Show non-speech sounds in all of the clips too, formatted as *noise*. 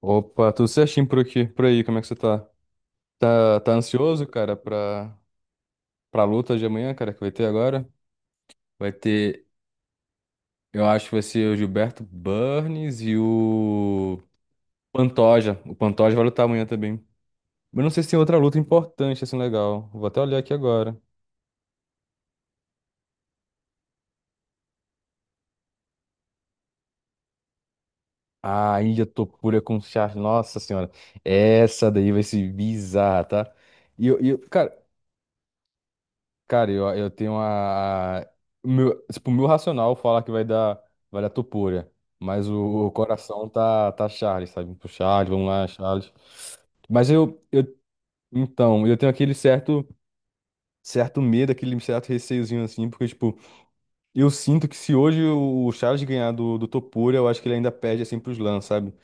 Opa, tudo certinho por aqui, por aí, como é que você tá? Tá ansioso, cara, pra luta de amanhã, cara, que vai ter agora? Vai ter, eu acho que vai ser o Gilberto Burns e o Pantoja. O Pantoja vai lutar amanhã também. Mas não sei se tem outra luta importante, assim, legal. Vou até olhar aqui agora. Ah, Ilha Topura com Charles, nossa senhora. Essa daí vai ser bizarra, tá? E eu, e eu- cara, Cara, eu tenho a. o Meu, tipo, o meu racional fala que vai dar Topolya, mas o coração tá Charles, sabe? Pro Charles, vamos lá, Charles. Mas eu, eu. Então, eu tenho aquele certo, certo medo, aquele certo receiozinho assim, porque, tipo, eu sinto que se hoje o Charles ganhar do Topolya, eu acho que ele ainda perde assim pros Lan, sabe?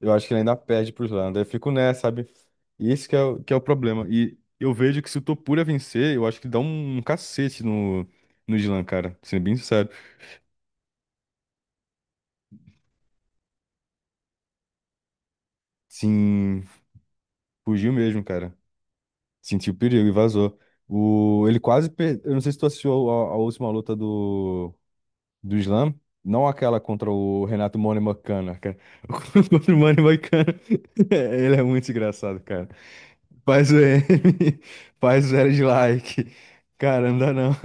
Eu acho que ele ainda perde pro Islândia. Eu fico nessa, sabe? Esse que é, que é o problema. E eu vejo que se o Topura vencer, eu acho que dá um cacete no, no Islan, cara. Sendo bem sincero. Sim, fugiu mesmo, cara. Sentiu o perigo e vazou. O, ele quase perdeu. Eu não sei se tu assistiu a última luta do Islam? Não aquela contra o Renato Money Makana, cara. *laughs* Contra o Money Makana. *laughs* Ele é muito engraçado, cara. Faz o M, *laughs* faz o zero de like. Cara, não dá não. *laughs*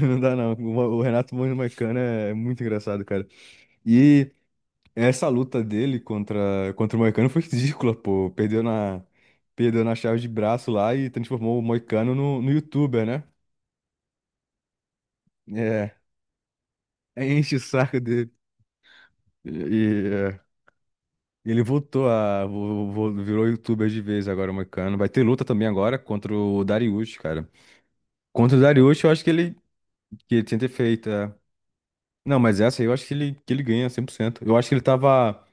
Não dá não. O Renato Moura e o Moicano é muito engraçado, cara. E essa luta dele contra o Moicano foi *laughs* ridícula, pô. Perdeu na chave de braço lá e transformou o Moicano no, no YouTuber, né? É, *laughs* enche o saco dele. E, é, ele voltou a. Virou YouTuber de vez agora, o Moicano. Vai ter luta também agora contra o Darius, cara. Contra o Darius, eu acho que ele. Que ele tinha que ter feito. É. Não, mas essa aí eu acho que ele ganha 100%. Eu acho que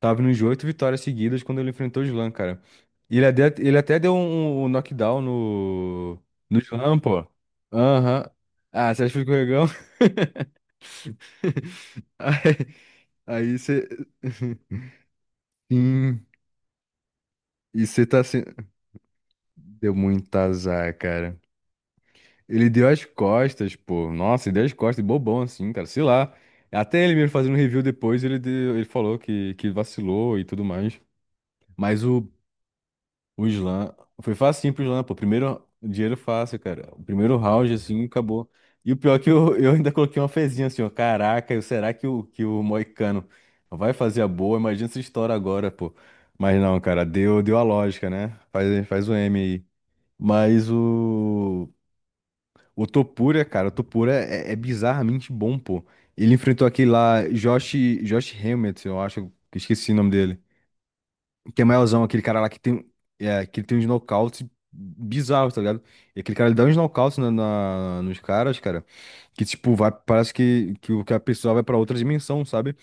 tava nos oito vitórias seguidas quando ele enfrentou o Slam, cara. Ele até deu um, um knockdown no, no Slam, pô. Aham. Ah, você acha que foi escorregão? *laughs* Aí aí você. *laughs* Sim. E você tá assim. Deu muito azar, cara. Ele deu as costas, pô. Nossa, ele deu as costas, bobão assim, cara. Sei lá. Até ele mesmo fazendo review depois, ele, ele falou que vacilou e tudo mais. Mas o, o Slam. Foi facinho pro Slam, pô. Primeiro dinheiro fácil, cara. O primeiro round, assim, acabou. E o pior é que eu ainda coloquei uma fezinha assim, ó. Caraca, será que que o Moicano vai fazer a boa? Imagina essa história agora, pô. Mas não, cara, deu a lógica, né? Faz o M aí. Mas o. O Topura, cara, o Topura é bizarramente bom, pô. Ele enfrentou aquele lá, Josh, Josh Hammett, eu acho, que esqueci o nome dele. Que é maiorzão, aquele cara lá que tem, é, que ele tem uns nocautes bizarros, tá ligado? E aquele cara, ele dá uns nocautes na, nos caras, cara, que, tipo, vai, parece que, que a pessoa vai pra outra dimensão, sabe?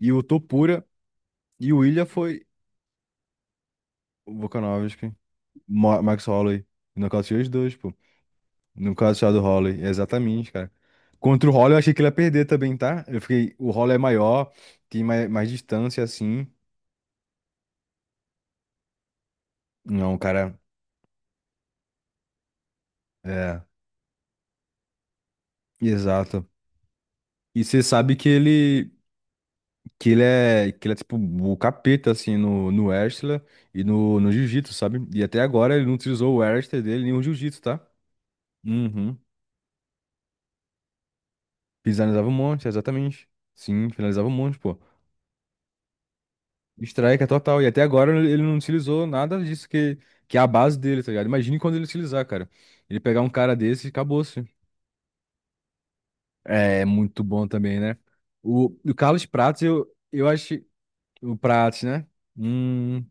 E o Topura e o Ilha foi o Volkanovski, Max Holloway, nocauteou os dois, pô. No caso só do Shadow Holloway, exatamente, cara. Contra o Holloway eu achei que ele ia perder também, tá? Eu fiquei, o Holloway é maior, tem mais distância assim. Não, cara, é, exato. E você sabe que ele é tipo o capeta assim no wrestler e no, no jiu-jitsu, sabe? E até agora ele não utilizou o wrestler dele nem o jiu-jitsu, tá? Uhum. Finalizava um monte, exatamente. Sim, finalizava um monte, pô. Strike é total. E até agora ele não utilizou nada disso que é a base dele, tá ligado? Imagine quando ele utilizar, cara. Ele pegar um cara desse e acabou-se. É muito bom também, né? O Carlos Prates, eu acho. O Prates, né? Hum.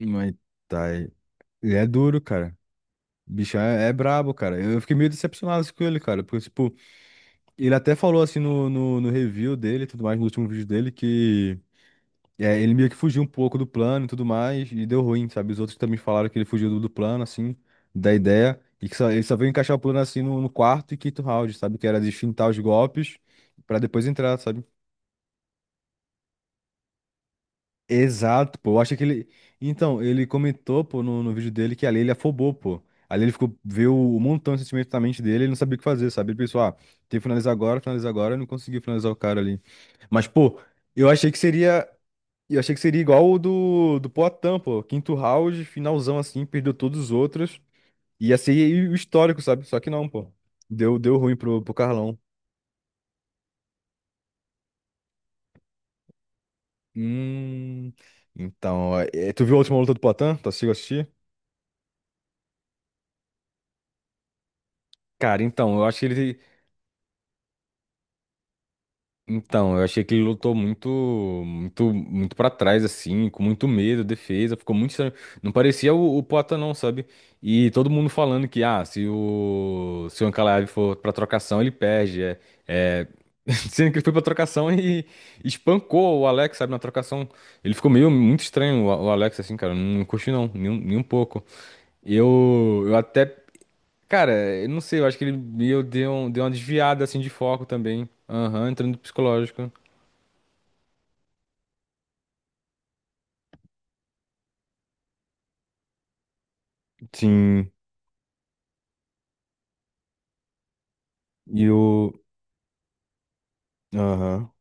Muay Thai. Ele é duro, cara. O bichão é brabo, cara. Eu fiquei meio decepcionado com ele, cara. Porque, tipo, ele até falou assim no, no review dele e tudo mais, no último vídeo dele, que. É, ele meio que fugiu um pouco do plano e tudo mais, e deu ruim, sabe? Os outros também falaram que ele fugiu do plano, assim, da ideia, e que só, ele só veio encaixar o plano assim no, no quarto e quinto round, sabe? Que era de fintar os golpes pra depois entrar, sabe? Exato, pô. Eu acho que ele. Então, ele comentou, pô, no, no vídeo dele que ali ele afobou, pô. Ali ele ficou, viu um montão de sentimento na mente dele, ele não sabia o que fazer, sabe? Ele pensou, ah, tem que finalizar agora, e não conseguiu finalizar o cara ali. Mas, pô, eu achei que seria. E eu achei que seria igual o do, do Poatan, pô. Quinto round, finalzão assim, perdeu todos os outros. Ia ser o histórico, sabe? Só que não, pô. Deu ruim pro, pro Carlão. Hum. Então, é, tu viu a última luta do Poatan? Tu assistiu assistir? Cara, então, eu acho que ele. Então, eu achei que ele lutou muito para trás, assim, com muito medo, defesa, ficou muito estranho. Não parecia o Poata, não, sabe? E todo mundo falando que, ah, se se o Ankalaev for pra trocação, ele perde. É, é... *laughs* Sendo que ele foi pra trocação e espancou o Alex, sabe, na trocação. Ele ficou meio muito estranho, o Alex, assim, cara, não curti não, nem, nem um pouco. Eu, eu até, cara, eu não sei, eu acho que ele meio deu, deu uma desviada, assim, de foco também. Aham, entrando no psicológico. Sim, e o. Aham.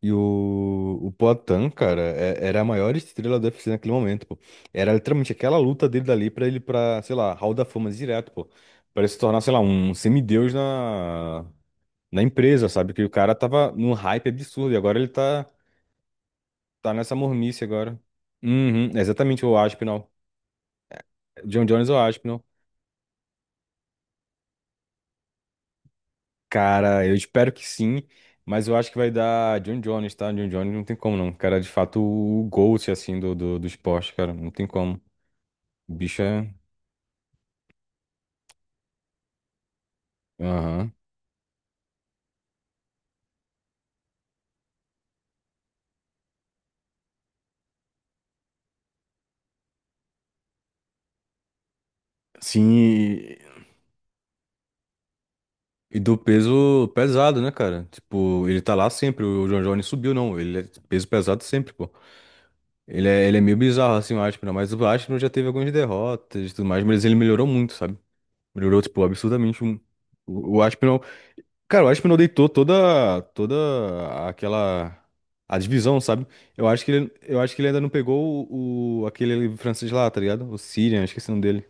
E o Poatan, cara, era a maior estrela do UFC naquele momento, pô. Era literalmente aquela luta dele dali pra ele pra, sei lá, Hall da Fama direto, pô. Pra ele se tornar, sei lá, um semideus na, na empresa, sabe? Que o cara tava num hype absurdo e agora tá nessa mormice agora. Uhum, exatamente o Aspinall. John Jones ou Aspinall. Cara, eu espero que sim, mas eu acho que vai dar John Jones, tá? John Jones não tem como não. Cara, é de fato, o GOAT, assim, do, do, do esporte, cara, não tem como. O bicho é... Aham. Sim, e do peso pesado, né, cara? Tipo, ele tá lá sempre, o John Jones subiu, não. Ele é peso pesado sempre, pô. Ele é meio bizarro, assim, o Aspinall, mas o Aspinall já teve algumas derrotas e tudo mais, mas ele melhorou muito, sabe? Melhorou, tipo, absurdamente. O Aspinall. Cara, o Ashman deitou toda aquela a divisão, sabe? Eu acho que ele ainda não pegou aquele francês lá, tá ligado? O Sirian, esqueci o nome dele.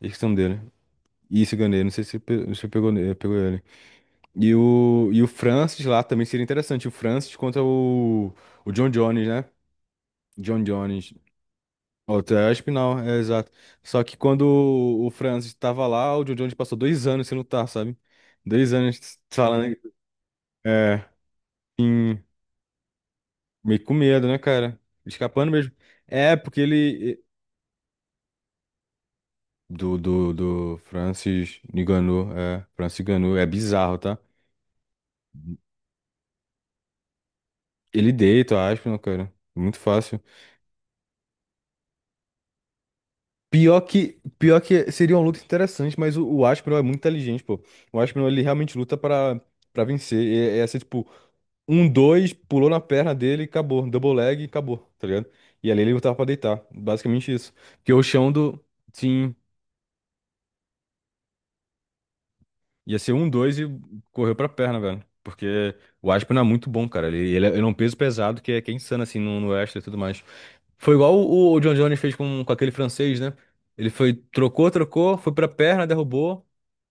Esqueci o nome dele. E esse Gandhi, não sei se, se pegou, pegou ele. E o Francis lá também seria interessante. O Francis contra o John Jones, né? John Jones. Outra é Aspinal, é exato. Só que quando o Francis tava lá, o John Jones passou 2 anos sem lutar, sabe? 2 anos falando. É. Sim. Meio com medo, né, cara? Escapando mesmo. É, porque ele. Do, do, do Francis Ngannou, é. Francis Ngannou, é bizarro, tá? Ele deita o Aspinall, cara. Muito fácil. Pior que seria uma luta interessante, mas o Aspinall é muito inteligente, pô. O Aspinall, ele realmente luta pra, pra vencer. E, é assim, tipo, um, dois, pulou na perna dele e acabou. Double leg e acabou, tá ligado? E ali ele lutava pra deitar. Basicamente isso. Porque o chão do. Sim. Ia ser um, dois e correu pra perna, velho. Porque o Aspen é muito bom, cara. Ele é um peso pesado que é insano, assim, no, no wrestling e tudo mais. Foi igual o John Jones fez com aquele francês, né? Ele foi, trocou, foi pra perna, derrubou,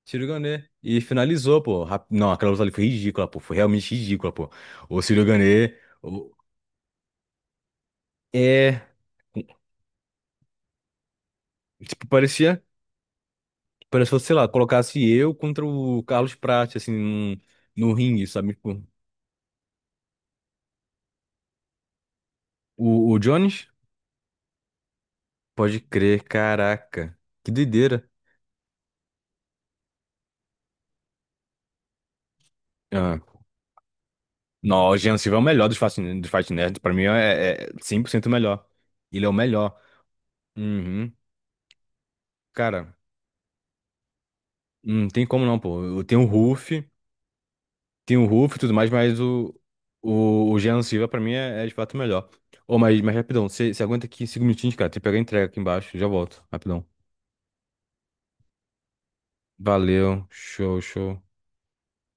Sirigané. E finalizou, pô. Não, aquela luta ali foi ridícula, pô. Foi realmente ridícula, pô. O Sirigané. O... É. Tipo, parecia. Parecia, sei lá, colocasse eu contra o Carlos Prates, assim, no, ringue, sabe? Tipo, O, o Jones. Pode crer, caraca. Que doideira. Ah. Não, o Jean Silva é o melhor dos Fast Nerds. Pra mim é, é 100% o melhor. Ele é o melhor. Uhum. Cara, não tem como não, pô. Eu tenho o Ruff e tudo mais, mas o Jean Silva pra mim é, é de fato o melhor. Ô, mas rapidão, você aguenta aqui cinco minutinhos, cara. Tem que pegar a entrega aqui embaixo. Já volto, rapidão. Valeu, show, show.